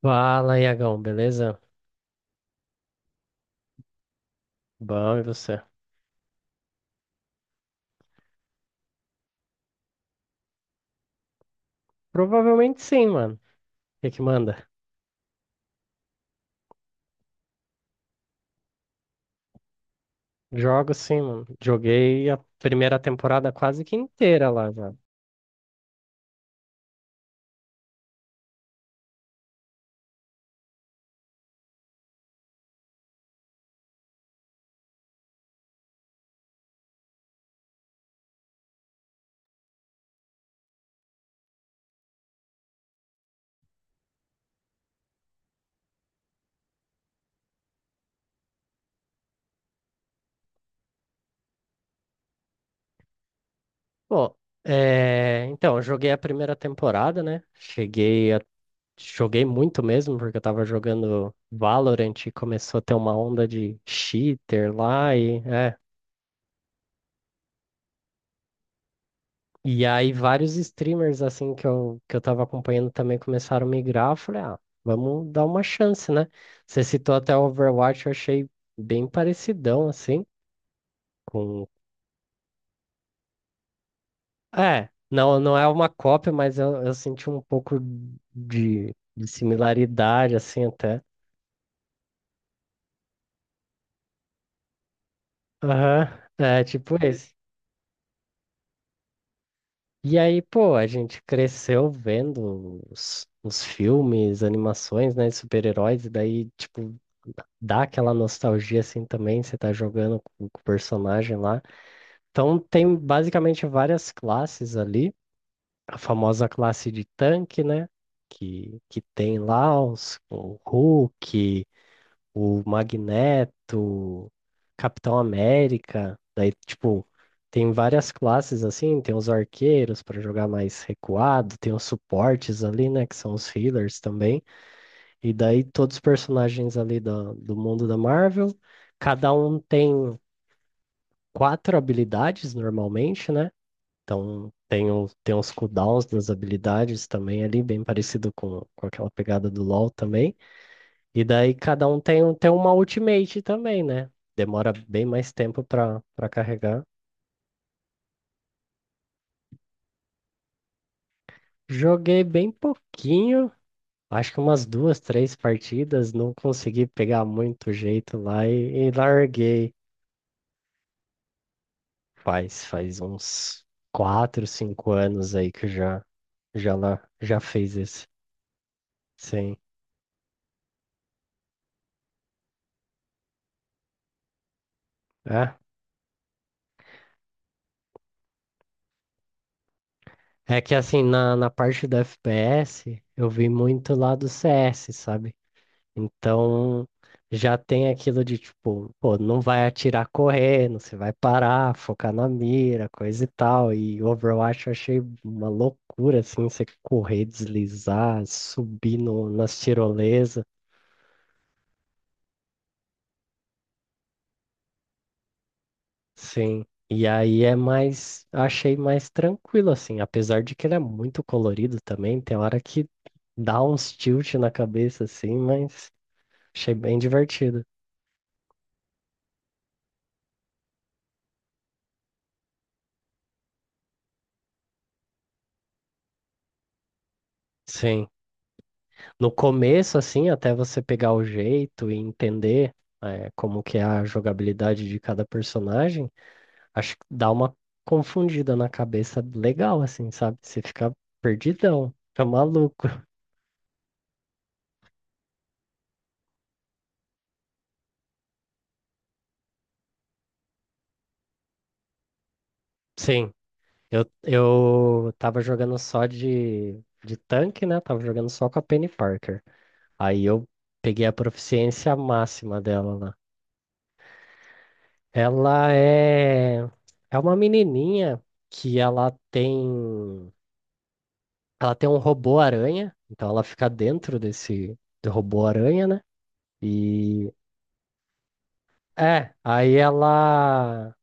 Fala, Iagão, beleza? Bom, e você? Provavelmente sim, mano. O que que manda? Jogo sim, mano. Joguei a primeira temporada quase que inteira lá já. Pô, então, eu joguei a primeira temporada, né? Cheguei a. Joguei muito mesmo, porque eu tava jogando Valorant e começou a ter uma onda de cheater lá. E aí vários streamers assim que eu tava acompanhando também começaram a migrar. Eu falei, ah, vamos dar uma chance, né? Você citou até o Overwatch, eu achei bem parecidão assim com. É, não, não é uma cópia, mas eu senti um pouco de similaridade assim até. Aham. É, tipo esse. E aí, pô, a gente cresceu vendo os filmes, animações, né, de super-heróis, e daí, tipo, dá aquela nostalgia assim também, você tá jogando com o personagem lá. Então tem basicamente várias classes ali, a famosa classe de tanque, né? Que tem lá o Hulk, o Magneto, Capitão América, daí tipo. Tem várias classes assim, tem os arqueiros para jogar mais recuado, tem os suportes ali, né, que são os healers também. E daí todos os personagens ali do mundo da Marvel, cada um tem quatro habilidades normalmente, né? Então tem os cooldowns das habilidades também ali, bem parecido com aquela pegada do LoL também. E daí cada um tem uma ultimate também, né? Demora bem mais tempo para carregar. Joguei bem pouquinho, acho que umas duas, três partidas, não consegui pegar muito jeito lá e larguei. Faz uns 4, 5 anos aí que já fez esse. Sim. É, é que assim, na parte do FPS, eu vi muito lá do CS, sabe? Então, já tem aquilo de tipo, pô, não vai atirar correndo, você vai parar, focar na mira, coisa e tal. E Overwatch eu achei uma loucura, assim, você correr, deslizar, subir no, nas tirolesas. Sim. E aí achei mais tranquilo assim, apesar de que ele é muito colorido também, tem hora que dá uns tilt na cabeça assim, mas achei bem divertido. Sim. No começo assim, até você pegar o jeito e entender como que é a jogabilidade de cada personagem, acho que dá uma confundida na cabeça legal assim, sabe? Você fica perdidão, fica maluco. Sim. Eu tava jogando só de tanque, né? Tava jogando só com a Penny Parker. Aí eu peguei a proficiência máxima dela lá. Ela é uma menininha que ela tem um robô aranha, então ela fica dentro desse do robô aranha, né? E aí ela,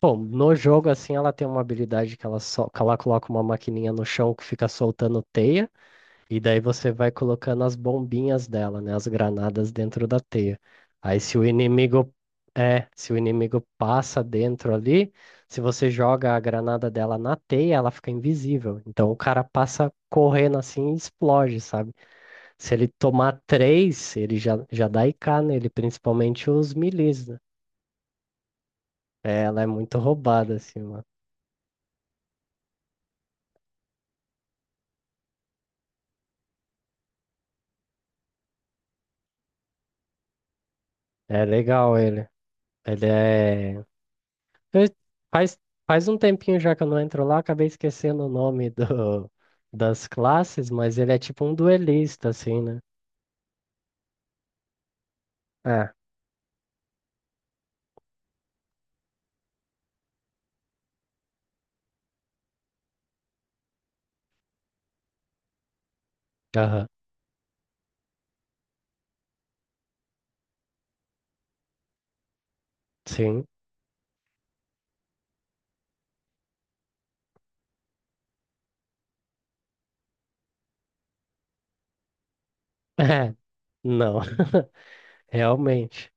bom, no jogo assim ela tem uma habilidade que ela coloca uma maquininha no chão que fica soltando teia. E daí você vai colocando as bombinhas dela, né? As granadas dentro da teia. Aí se o inimigo passa dentro ali, se você joga a granada dela na teia, ela fica invisível. Então o cara passa correndo assim e explode, sabe? Se ele tomar três, ele já dá IK nele, principalmente os milis, né? É, ela é muito roubada, assim, mano. É legal ele. Ele é Fe- Faz, faz um tempinho já que eu não entro lá, acabei esquecendo o nome das classes, mas ele é tipo um duelista, assim, né? É. Aham, sim. É, não, realmente.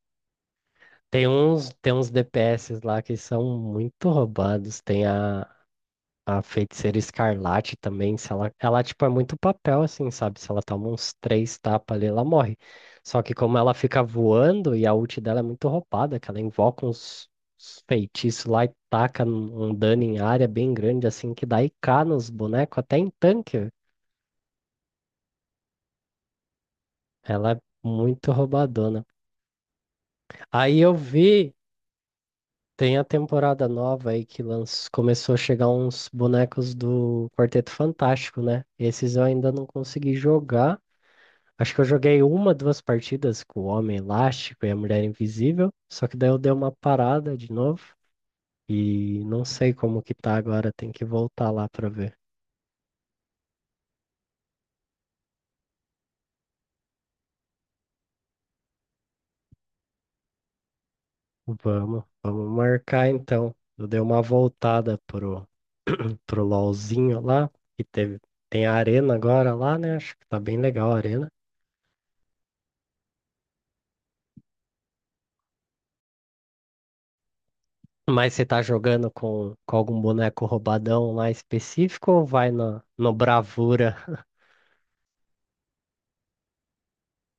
Tem uns DPS lá que são muito roubados. A Feiticeira Escarlate também, se ela tipo é muito papel assim, sabe? Se ela toma uns três tapas ali, ela morre. Só que como ela fica voando e a ult dela é muito roubada, que ela invoca uns feitiços lá e taca um dano em área bem grande assim que dá IK nos bonecos, até em tanque. Velho. Ela é muito roubadona. Aí eu vi, tem a temporada nova aí que começou a chegar uns bonecos do Quarteto Fantástico, né? Esses eu ainda não consegui jogar. Acho que eu joguei uma, duas partidas com o Homem Elástico e a Mulher Invisível, só que daí eu dei uma parada de novo e não sei como que tá agora, tem que voltar lá pra ver. Vamos marcar então. Eu dei uma voltada pro LOLzinho lá, que teve, tem a arena agora lá, né? Acho que tá bem legal a arena. Mas você tá jogando com algum boneco roubadão lá específico ou vai no Bravura?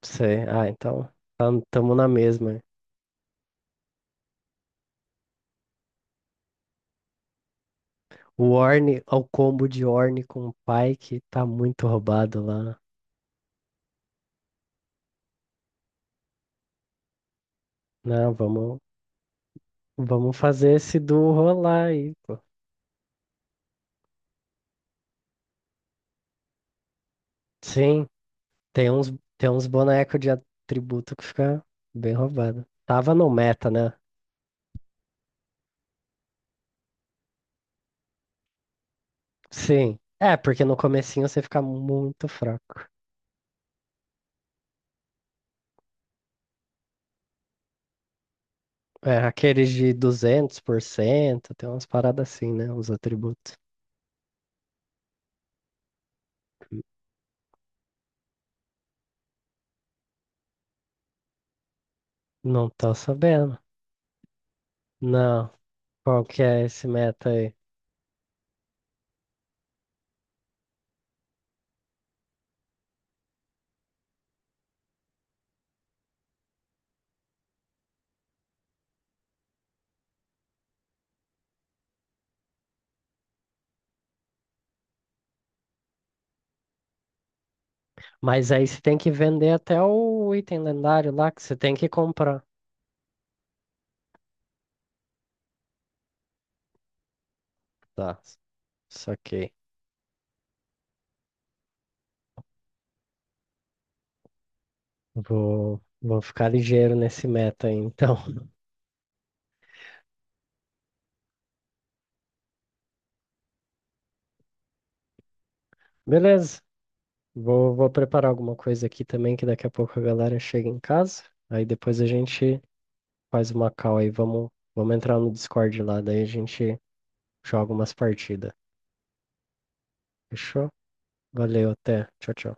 Sei. Ah, então. Estamos na mesma. Ao combo de Orne com o Pike, tá muito roubado lá. Não, vamos fazer esse duo rolar aí, pô. Sim, tem uns, tem uns bonecos de atributo que fica bem roubado. Tava no meta, né? Sim. É, porque no comecinho você fica muito fraco. É, aqueles de 200%, tem umas paradas assim, né? Os atributos. Não tô sabendo. Não. Qual que é esse meta aí? Mas aí você tem que vender até o item lendário lá que você tem que comprar. Tá, saquei. Vou ficar ligeiro nesse meta aí, então. Beleza. Vou preparar alguma coisa aqui também, que daqui a pouco a galera chega em casa. Aí depois a gente faz uma call aí. Vamos entrar no Discord lá, daí a gente joga umas partidas. Fechou? Valeu, até. Tchau, tchau.